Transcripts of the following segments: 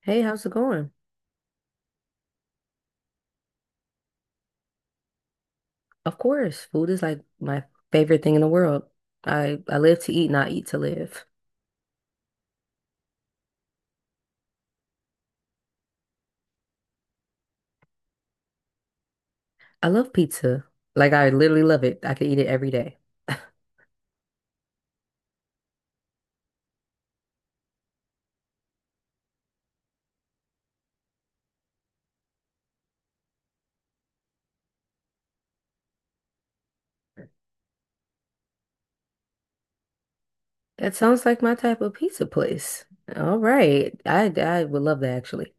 Hey, how's it going? Of course, food is like my favorite thing in the world. I live to eat and I eat to live. I love pizza. Like I literally love it. I could eat it every day. That sounds like my type of pizza place. All right. I would love that actually.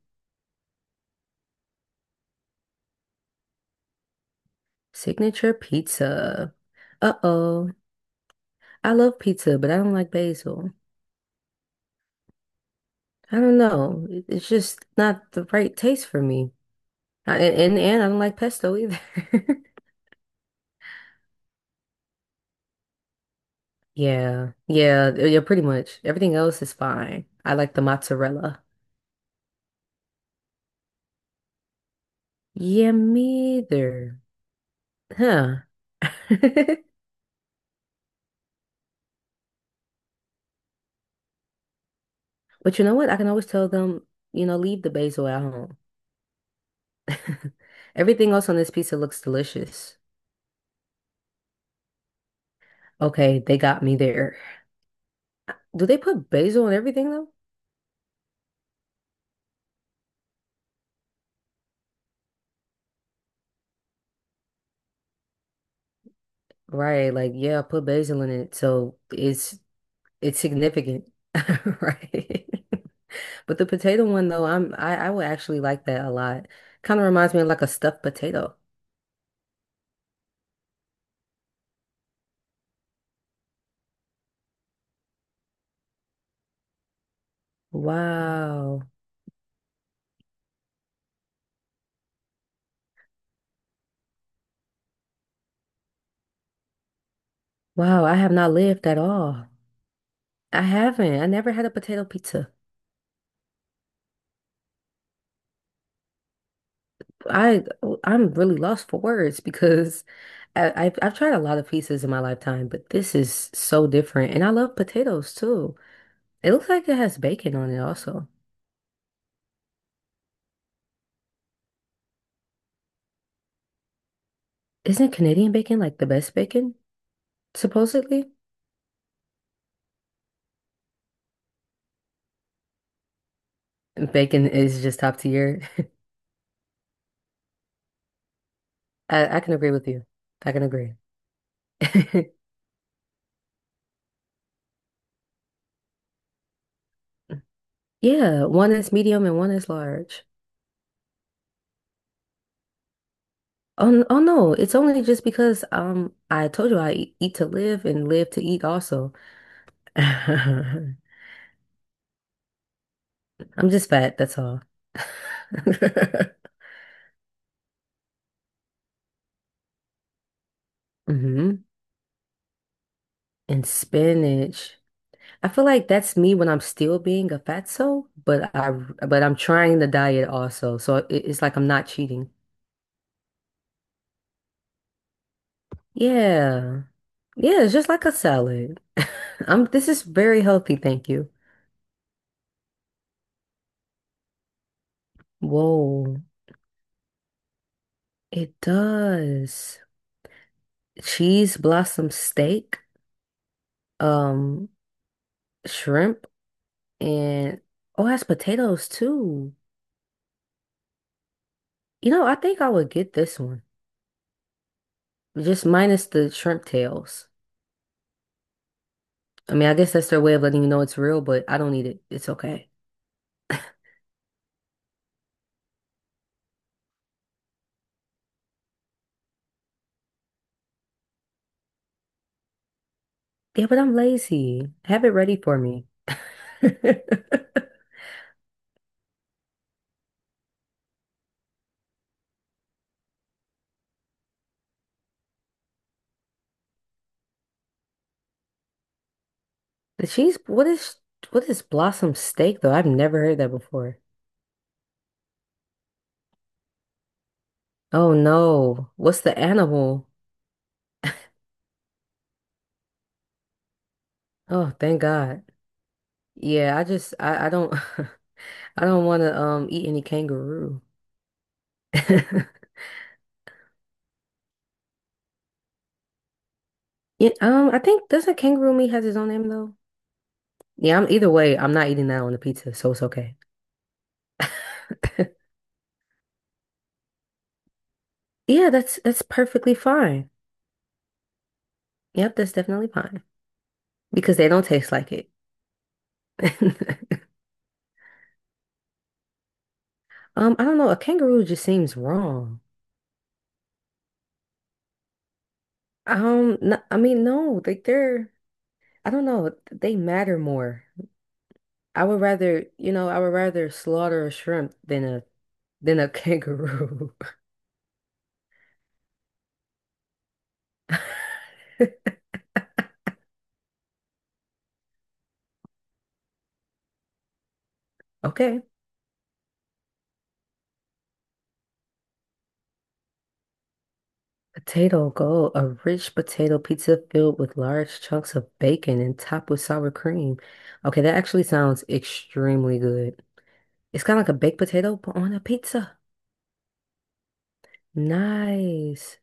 Signature pizza. Uh-oh. I love pizza, but I don't like basil. I don't know. It's just not the right taste for me. I, and I don't like pesto either. Yeah, yeah, yeah, pretty much. Everything else is fine. I like the mozzarella. Yeah, me either. Huh. But you know what? I can always tell them, leave the basil at home. Everything else on this pizza looks delicious. Okay, they got me there. Do they put basil in everything though? Right, like yeah, put basil in it, so it's significant. Right. But the potato one though, I would actually like that a lot. Kind of reminds me of like a stuffed potato. Wow. Wow, I have not lived at all. I haven't. I never had a potato pizza. I I'm really lost for words because I've tried a lot of pizzas in my lifetime, but this is so different. And I love potatoes too. It looks like it has bacon on it also. Isn't Canadian bacon like the best bacon, supposedly? Bacon is just top tier. I can agree with you. I can agree. Yeah, one is medium and one is large. Oh no, it's only just because I told you I eat to live and live to eat also. I'm just fat, that's all. Hmm. And spinach. I feel like that's me when I'm still being a fatso, but I but I'm trying the diet also, so it's like I'm not cheating. Yeah. Yeah, it's just like a salad. I'm This is very healthy, thank you. Whoa, it does. Cheese blossom steak, um, shrimp, and oh, it has potatoes too. You know, I think I would get this one, just minus the shrimp tails. I mean, I guess that's their way of letting you know it's real, but I don't need it. It's okay. Yeah, but I'm lazy. Have it ready for me. The cheese, what is blossom steak though? I've never heard that before. Oh no, what's the animal? Oh, thank God. Yeah, I just I don't I don't want to eat any kangaroo. Yeah, I think doesn't kangaroo meat has its own name though? Yeah, I'm either way, I'm not eating that on the pizza, so it's okay. Yeah, that's perfectly fine. Yep, that's definitely fine because they don't taste like it. I don't know, a kangaroo just seems wrong. N I mean, no, like I don't know, they matter more. I would rather slaughter a shrimp than a kangaroo. Okay. Potato Gold, a rich potato pizza filled with large chunks of bacon and topped with sour cream. Okay, that actually sounds extremely good. It's kind of like a baked potato, but on a pizza. Nice.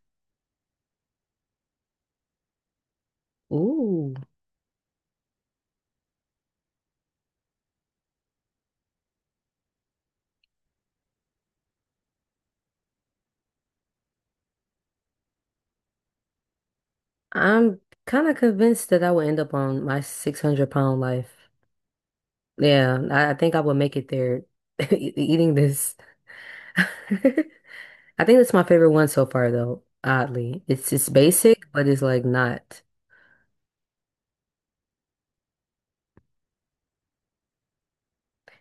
Ooh, I'm kind of convinced that I will end up on my 600-pound life. Yeah, I think I will make it there eating this. I think that's my favorite one so far, though, oddly. It's basic, but it's like not.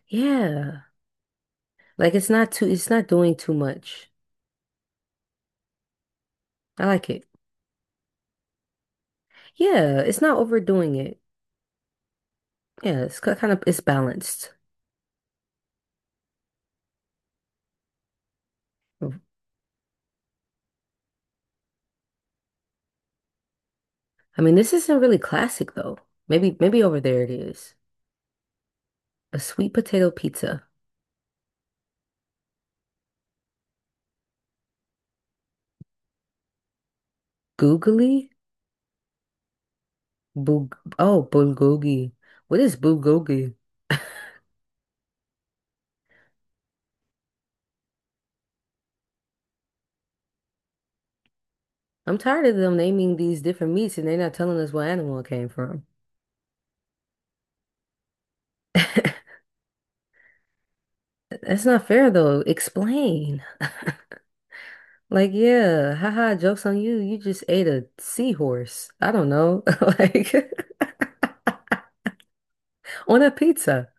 Yeah. Like it's not doing too much. I like it. Yeah, it's not overdoing it. Yeah, it's kind of it's balanced. Mm. I mean, this isn't really classic though. Maybe over there it is. A sweet potato pizza. Googly? Bulgogi. What is bulgogi? I'm tired of them naming these different meats and they're not telling us what animal it came from. That's not fair though. Explain. Like, yeah, haha, joke's on you. You just ate a seahorse. I don't know. Like On a pizza.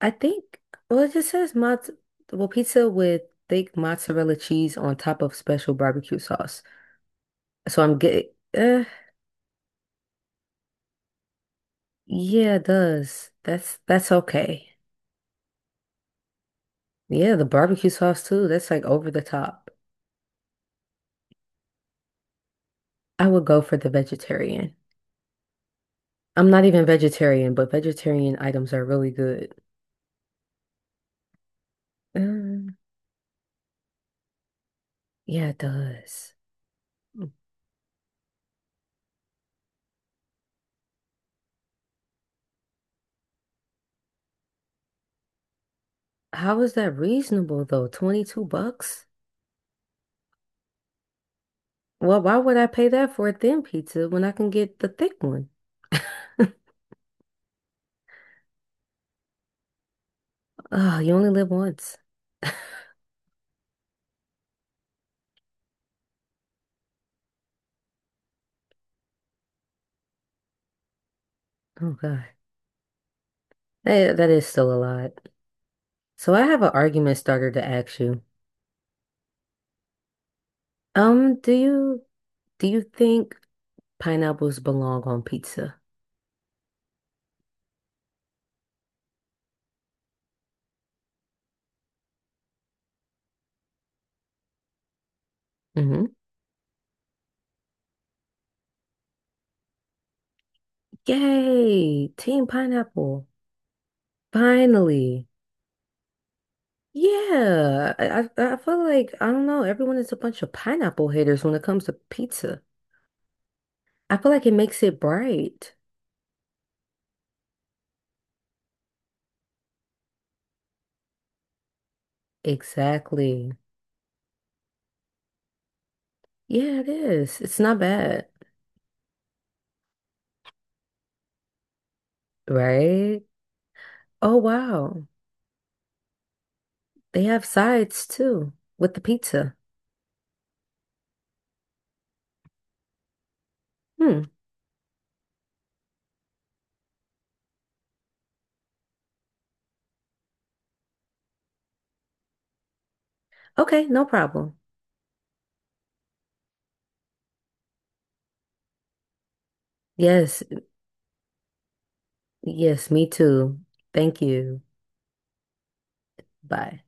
I think, well, it just says pizza with thick mozzarella cheese on top of special barbecue sauce. So I'm getting, uh, yeah, it does. That's okay. Yeah, the barbecue sauce too. That's like over the top. I would go for the vegetarian. I'm not even vegetarian, but vegetarian items are really good. Um, yeah, it does. How is that reasonable though? 22 bucks? Well, why would I pay that for a thin pizza when I can get the thick one? Oh, you only live once. Oh God. That is still a lot. So I have an argument starter to ask you. Um, do you do you think pineapples belong on pizza? Mm-hmm. Yay, Team Pineapple. Finally. Yeah. I feel like I don't know, everyone is a bunch of pineapple haters when it comes to pizza. I feel like it makes it bright. Exactly. Yeah, it is. It's not bad, right? Oh wow. They have sides too with the pizza. Hmm. Okay, no problem. Yes, yes, me too. Thank you. Bye.